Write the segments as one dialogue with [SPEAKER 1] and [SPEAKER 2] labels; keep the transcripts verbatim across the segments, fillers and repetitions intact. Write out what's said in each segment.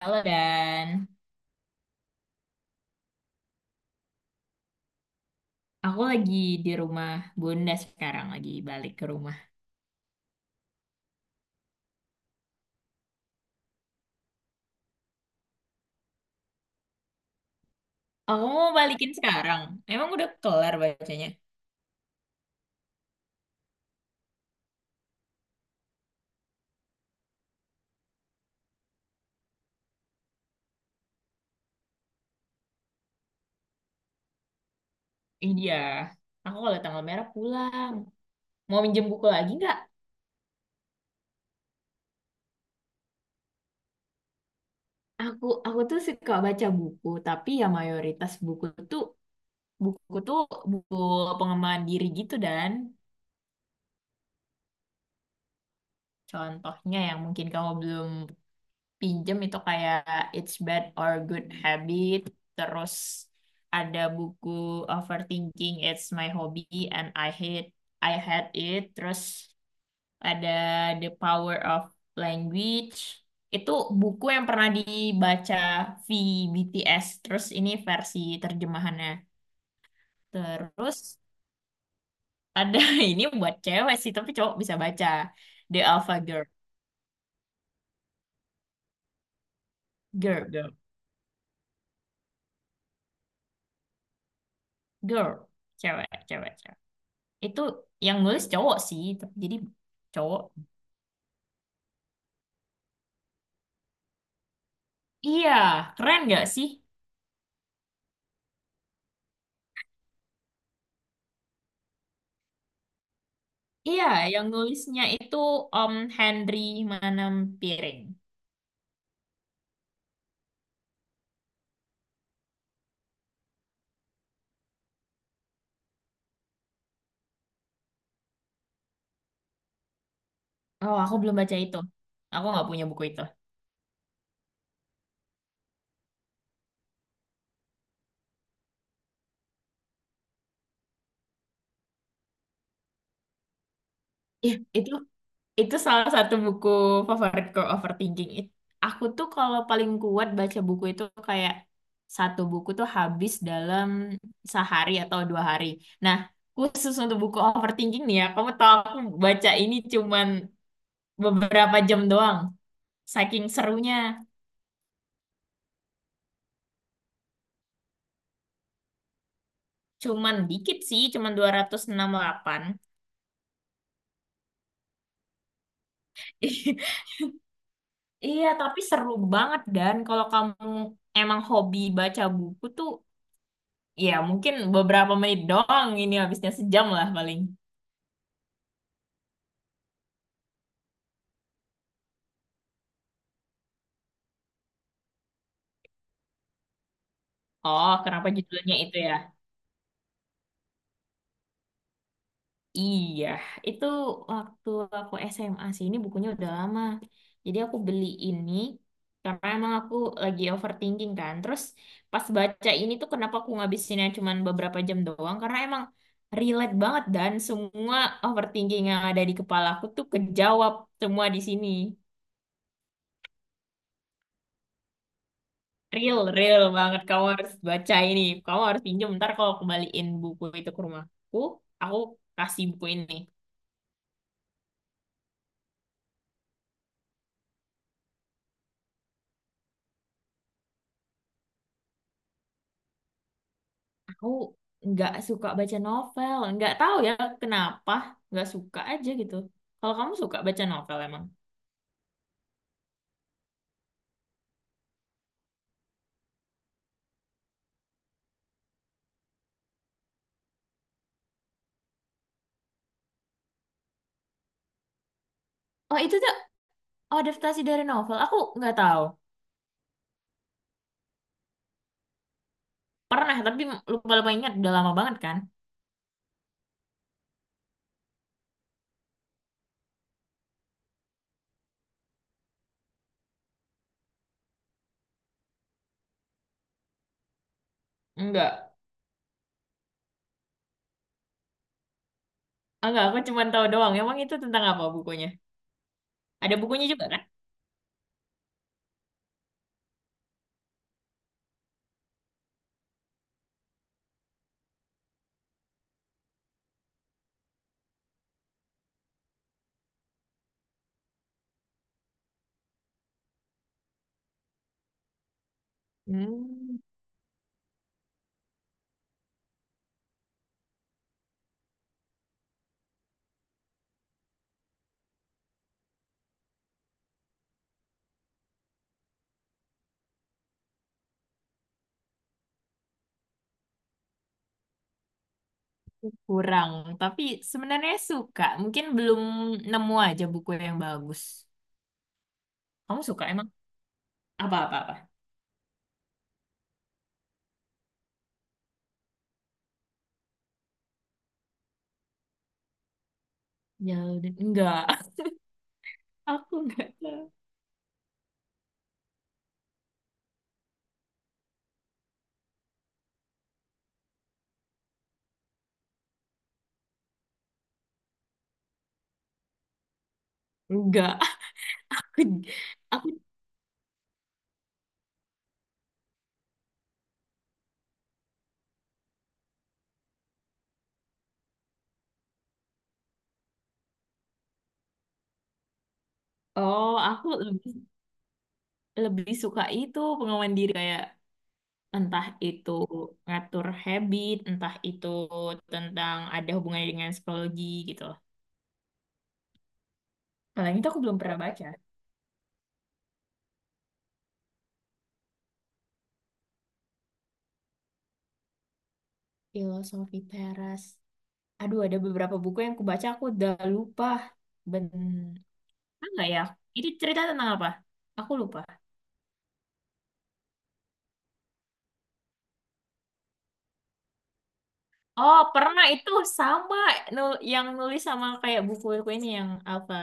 [SPEAKER 1] Halo Dan, aku lagi di rumah Bunda sekarang, lagi balik ke rumah. Aku mau balikin sekarang, emang udah kelar bacanya? Iya, aku kalau tanggal merah pulang. Mau minjem buku lagi nggak? Aku aku tuh suka baca buku, tapi ya mayoritas buku tuh buku tuh buku pengembangan diri gitu Dan. Contohnya yang mungkin kamu belum pinjem itu kayak It's Bad or Good Habit, terus ada buku Overthinking It's My Hobby and I Hate I Hate It, terus ada The Power of Language. Itu buku yang pernah dibaca V B T s, terus ini versi terjemahannya. Terus ada ini buat cewek sih tapi cowok bisa baca, The Alpha Girl Girl Girl Girl, cewek cewek. Itu yang nulis cowok sih, tapi jadi cowok. Iya, keren gak sih? Iya, yang nulisnya itu Om Henry Manampiring. Oh, aku belum baca itu. Aku nggak punya buku itu. Ih, itu itu salah satu buku favoritku, Overthinking. It- Aku tuh kalau paling kuat baca buku itu kayak satu buku tuh habis dalam sehari atau dua hari. Nah, khusus untuk buku Overthinking nih ya, kamu tahu aku baca ini cuman beberapa jam doang. Saking serunya. Cuman dikit sih, cuman dua ratus enam puluh delapan. Iya, tapi seru banget. Dan kalau kamu emang hobi baca buku tuh, ya mungkin beberapa menit doang, ini habisnya sejam lah paling. Oh, kenapa judulnya itu ya? Iya, itu waktu aku S M A sih. Ini bukunya udah lama. Jadi aku beli ini karena emang aku lagi overthinking kan. Terus pas baca ini tuh kenapa aku ngabisinnya cuman beberapa jam doang? Karena emang relate banget, dan semua overthinking yang ada di kepala aku tuh kejawab semua di sini. Real, real banget. Kamu harus baca ini. Kamu harus pinjam ntar, kalau kembaliin buku itu ke rumahku, aku kasih buku ini. Aku nggak suka baca novel. Nggak tahu ya kenapa. Nggak suka aja gitu. Kalau kamu suka baca novel emang? Oh, itu tuh adaptasi dari novel. Aku nggak tahu. Pernah, tapi lupa-lupa ingat. Udah lama banget kan? Enggak. Enggak, aku cuma tahu doang. Emang itu tentang apa bukunya? Ada bukunya juga kan? Hmm, kurang. Tapi sebenarnya suka. Mungkin belum nemu aja buku yang bagus. Kamu suka emang? Apa-apa-apa? Ya udah. Enggak. Aku enggak tahu. Enggak. Aku. Oh, aku lebih, lebih suka itu pengawalan diri, kayak entah itu ngatur habit, entah itu tentang ada hubungannya dengan psikologi gitu loh. Kalau yang itu aku belum pernah baca. Filosofi Teras. Aduh, ada beberapa buku yang aku baca aku udah lupa. Ben, enggak ya? Itu cerita tentang apa? Aku lupa. Oh, pernah itu sama nul- yang nulis sama kayak buku-buku ini, yang apa?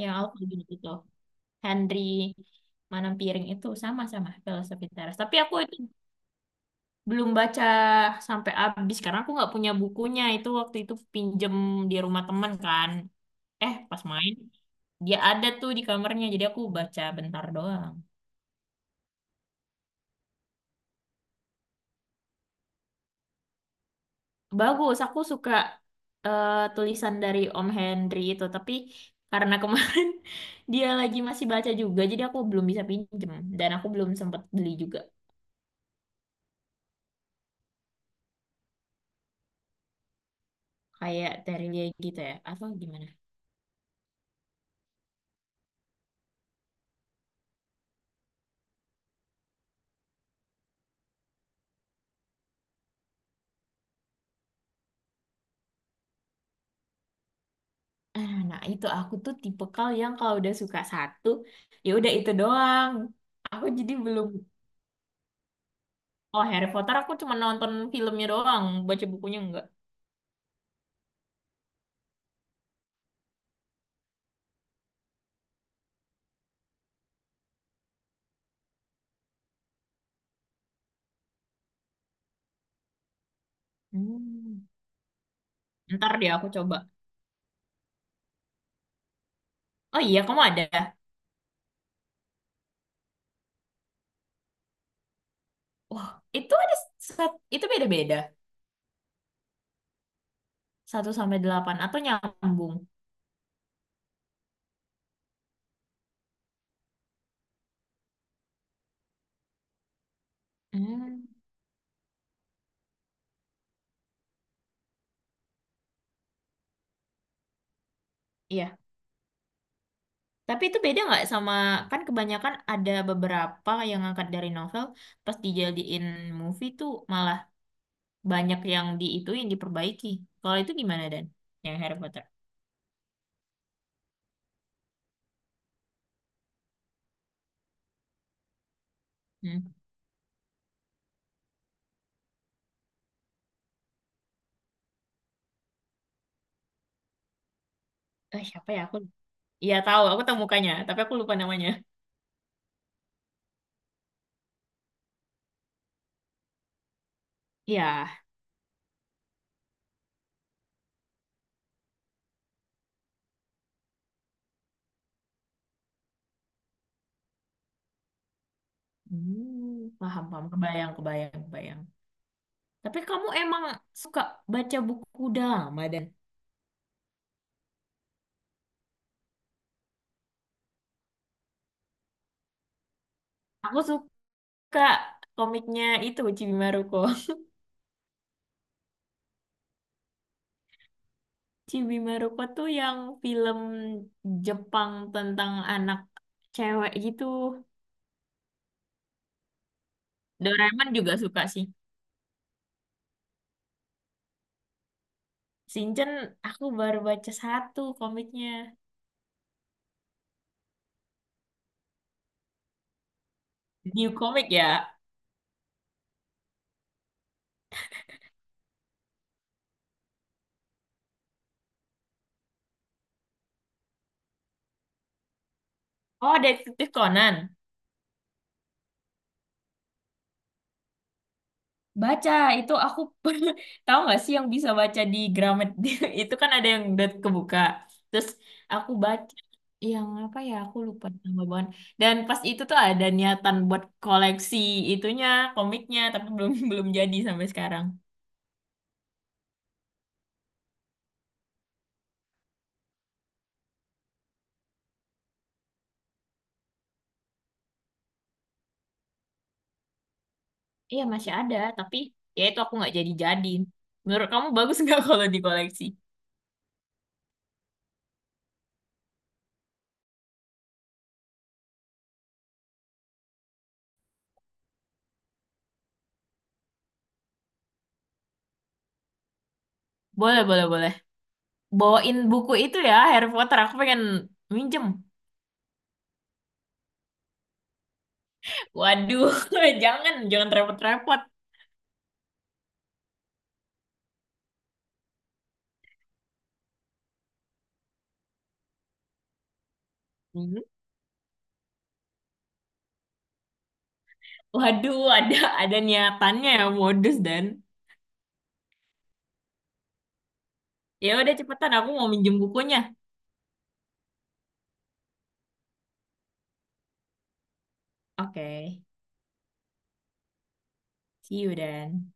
[SPEAKER 1] Yang apa gitu. Henry Manam, itu sama-sama Filosofi Teras. Tapi aku itu belum baca sampai habis karena aku nggak punya bukunya. Itu waktu itu pinjem di rumah teman kan. Eh, pas main dia ada tuh di kamarnya. Jadi aku baca bentar doang. Bagus, aku suka eh, tulisan dari Om Henry itu. Tapi karena kemarin dia lagi masih baca juga, jadi aku belum bisa pinjem, dan aku belum sempat beli juga. Kayak Terelia gitu ya, atau gimana? Nah, nah, itu aku tuh tipikal yang kalau udah suka satu, ya udah itu doang. Aku jadi belum, oh Harry Potter aku cuma nonton filmnya doang, baca bukunya enggak. Hmm. Ntar deh aku coba. Oh iya, kamu ada. Wah, itu ada sat- itu beda-beda. Satu sampai delapan atau nyambung. Hmm. Iya. Tapi itu beda nggak sama, kan kebanyakan ada beberapa yang ngangkat dari novel, pas dijadiin movie tuh malah banyak yang di itu yang diperbaiki. Kalau itu gimana Dan? Yang Harry Potter. Hmm. Eh, siapa ya aku? Iya tahu, aku tahu mukanya, tapi aku lupa namanya. Iya. Hmm, paham, paham. Kebayang, kebayang, kebayang. Tapi kamu emang suka baca buku drama Dan? Aku suka komiknya itu Chibi Maruko. Chibi Maruko tuh yang film Jepang tentang anak cewek gitu. Doraemon juga suka sih. Shinchan aku baru baca satu komiknya. New Comic ya? Oh, Detektif Conan. Baca, itu aku pernah, tahu nggak sih yang bisa baca di Gramet? Itu kan ada yang udah kebuka. Terus aku baca yang apa ya, aku lupa nama bahan. Dan pas itu tuh ada niatan buat koleksi itunya, komiknya, tapi belum belum jadi sampai sekarang. Iya, masih ada, tapi ya itu aku nggak jadi-jadi. Menurut kamu bagus nggak kalau dikoleksi? Boleh, boleh, boleh. Bawain buku itu ya, Harry Potter. Aku pengen minjem. Waduh, jangan, jangan repot-repot. Hmm. Waduh, ada ada niatannya ya, modus Dan. Ya udah cepetan, aku mau minjem bukunya. Oke, see you Dan.